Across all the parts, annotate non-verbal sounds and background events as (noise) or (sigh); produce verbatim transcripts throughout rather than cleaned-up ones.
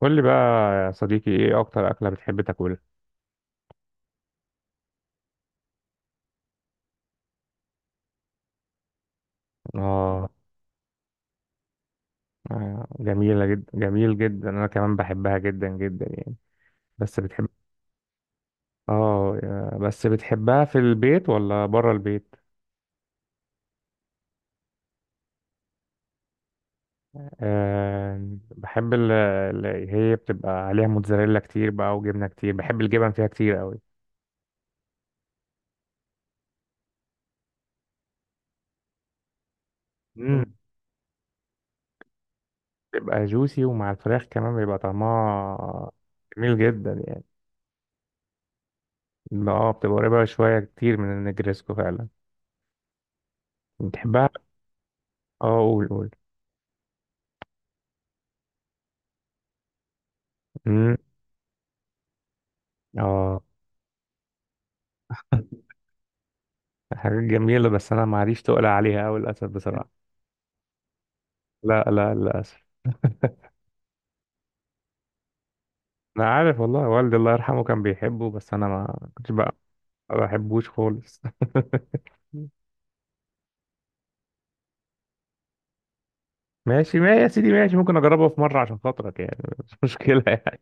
قول لي بقى يا صديقي، ايه اكتر اكلة بتحب تاكلها؟ اه، آه، جميلة جدا، جميل جدا، انا كمان بحبها جدا جدا يعني. بس بتحب، اه يا- بس بتحبها في البيت ولا بره البيت؟ آه، بحب اللي هي بتبقى عليها موتزاريلا كتير بقى وجبنة كتير، بحب الجبن فيها كتير قوي. امم بتبقى جوسي، ومع الفراخ كمان بيبقى طعمها جميل جدا يعني. اه بتبقى قريبة شوية كتير من النجريسكو فعلا. بتحبها؟ اه قول قول. امم اه، حاجات جميلة بس أنا معريش تقلق عليها أوي للأسف بصراحة. لا لا للأسف. أنا عارف والله، والدي الله يرحمه كان بيحبه بس أنا ما كنتش بقى ما بحبوش خالص. (laughs) ماشي ما يا سيدي، ماشي، ممكن أجربها في مرة عشان خاطرك يعني، مش مشكلة يعني.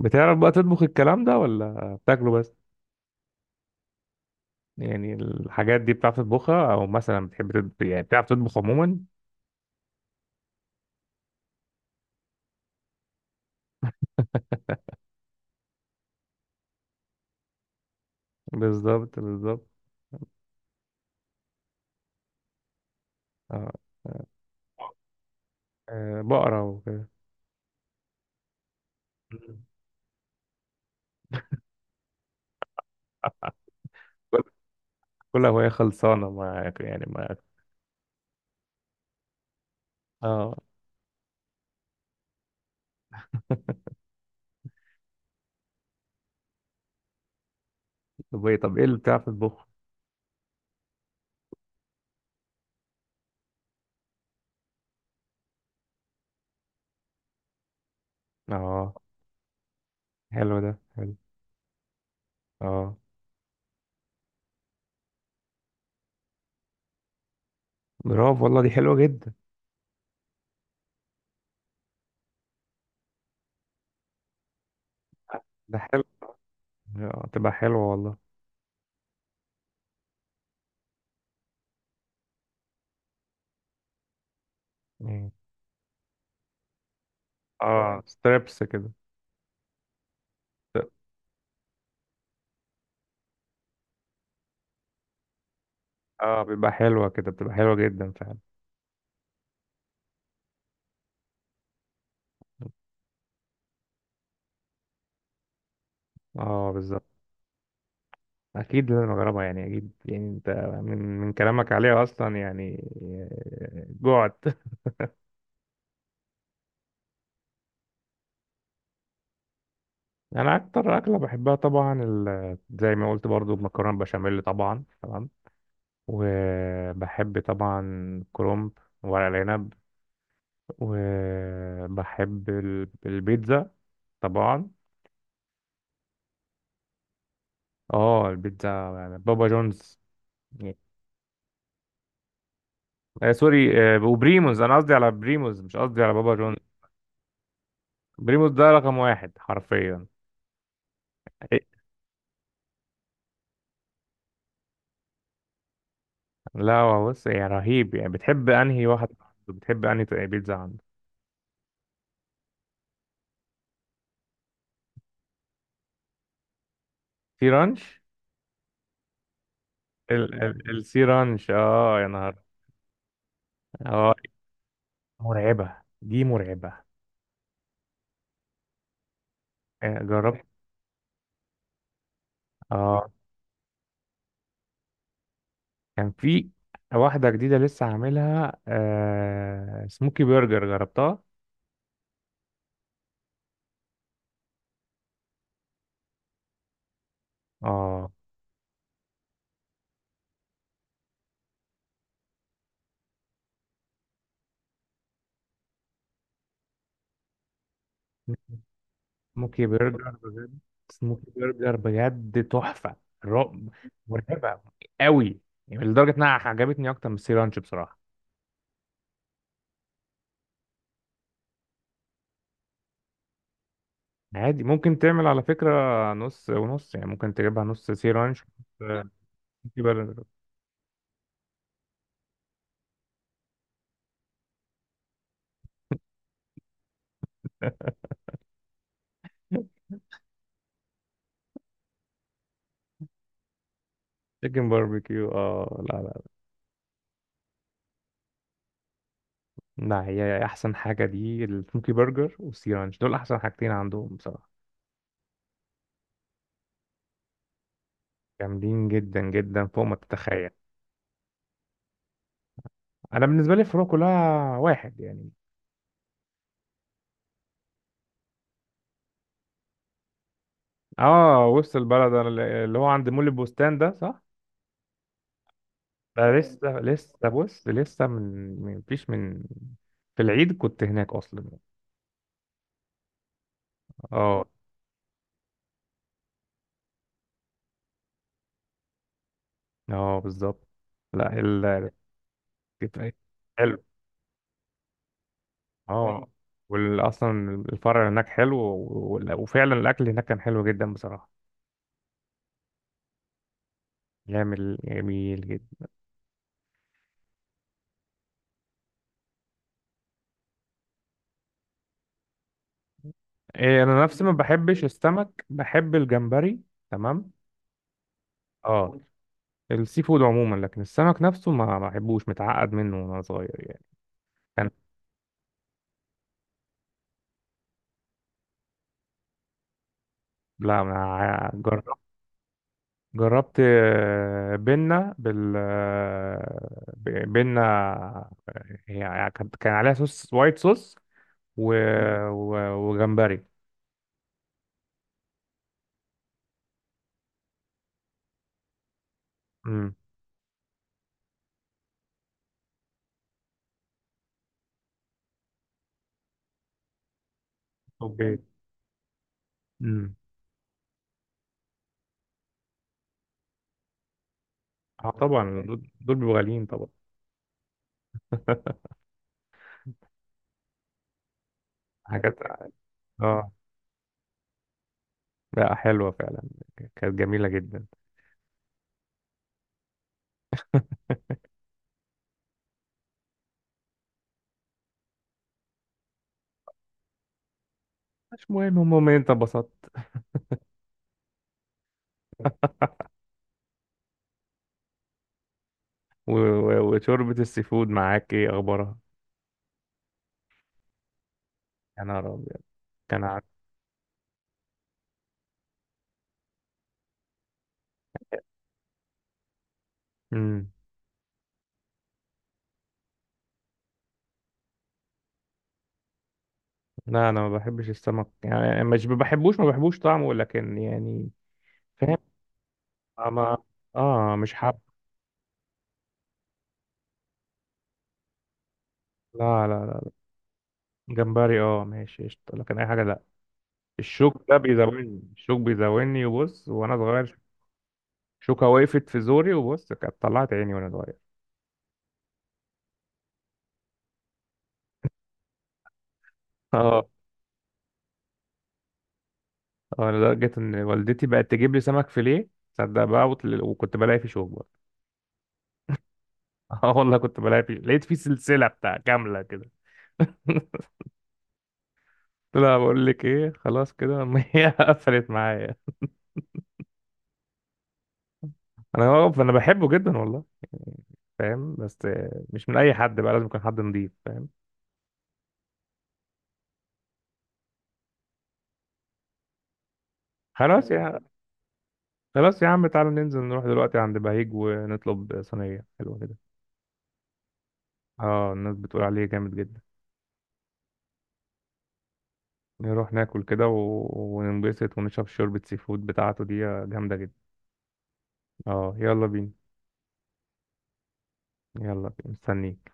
بتعرف بقى تطبخ الكلام ده ولا بتاكله بس؟ يعني الحاجات دي بتعرف تطبخها، أو مثلا بتحب تطبخ؟ يعني بتعرف تطبخ عموما؟ بالظبط بالظبط. آه. آه، بقرة وكده. كل كل هواية خلصانة معاك يعني، معاك. اه. (laughs) طب ايه طب ايه اللي بتعرف تطبخ؟ اه، حلو، ده حلو. اه، برافو والله، دي حلوة جدا. ده حلو. آه، تبقى حلوة والله. مم. اه، ستريبس كده. اه بيبقى حلوة كده، بتبقى حلوة جدا فعلا. اه بالظبط. اكيد لازم اجربها يعني، اكيد يعني. انت من من كلامك عليها اصلا يعني. آه، جوعت. (laughs) انا اكتر اكله بحبها طبعا ال- زي ما قلت برضو المكرونه بشاميل طبعا، تمام. وبحب طبعا كرومب، ورق العنب، وبحب ال- البيتزا طبعا. اه، البيتزا يعني بابا جونز. آه سوري، آه وبريموز، انا قصدي على بريموز مش قصدي على بابا جونز. بريموز ده رقم واحد حرفيا. إيه؟ لا هو بص يعني رهيب يعني. بتحب انهي واحد عنده؟ بتحب انهي بيتزا عنده؟ سي رانش. ال ال السي رانش، اه يا نهار. اه مرعبة، دي مرعبة. آه، جربت. اه كان في واحدة جديدة لسه عاملها آه، سموكي برجر جربتها. اه سموكي برجر بجد، سموكي برجر بجد تحفة، رعب، مرعبة قوي يعني. لدرجة انها عجبتني اكتر من السي رانش بصراحة. عادي، ممكن تعمل على فكرة نص ونص يعني، ممكن تجيبها نص سي رانش ونص سموكي برجر. (laughs) تشيكن باربيكيو، اه لا لا. لا هي احسن حاجة دي السموكي برجر والسي رانش، دول احسن حاجتين عندهم بصراحة، جامدين جدا جدا فوق ما تتخيل. انا بالنسبه لي الفروع كلها واحد يعني. اه وسط البلد، أنا اللي هو عند مول البستان ده، صح؟ ده مم. لسه لسه، بص لسه من من- مفيش من، في العيد كنت هناك اصلا. اه. اه بالظبط. لا ال كيف- حلو، اه واصلا الفرع هناك حلو، وال- وفعلا الاكل هناك كان حلو جدا بصراحه. جميل، جميل جدا. إيه، انا نفسي ما بحبش السمك، بحب الجمبري. تمام. اه، السي فود عموما، لكن السمك نفسه ما بحبوش، متعقد منه وانا صغير يعني. كان لا انا ع- جربت، جربت آه، بنة بال آه، ب- بنة يعني، كان كان عليها صوص وايت صوص و... و... وجمبري. امم اوكي. امم اه طبعا، دول دول بيبقوا غاليين طبعا. (laughs) حاجات اه، لا حلوة فعلا، كانت جميلة جدا. مش مهم، المهم إن انت انبسطت. و... و... وشوربة السي فود معاك ايه اخبارها؟ يا نهار أبيض. كان عارف. امم لا انا ما بحبش السمك يعني، مش ما بحبوش، ما بحبوش طعمه لكن يعني. فاهم. آه، ما، اه مش حب. لا لا لا، جمبري اه ماشي قشطة لكن اي حاجه لا. الشوك ده بيزاولني، الشوك بيزاولني، وبص وانا صغير شوكه وقفت في زوري وبص كانت طلعت عيني وانا صغير. اه. اه لدرجه ان والدتي بقت تجيب لي سمك فيليه، تصدق بقى، وطل- وكنت بلاقي فيه شوك برضه. (laughs) اه والله كنت بلاقي فيه، لقيت فيه سلسله بتاع كامله كده. (laughs) لا بقول لك ايه خلاص كده. (laughs) ما هي قفلت معايا. انا هو انا بحبه جدا والله، فاهم، بس مش من اي حد بقى، لازم يكون حد نضيف فاهم. خلاص يا، خلاص يا عم تعالى ننزل نروح دلوقتي عند بهيج ونطلب صينية حلوة كده. اه الناس بتقول عليه جامد جدا. نروح ناكل كده و... وننبسط ونشرب شوربة سي فود بتاعته دي، جامدة جدا. اه يلا بينا. يلا بينا مستنيك.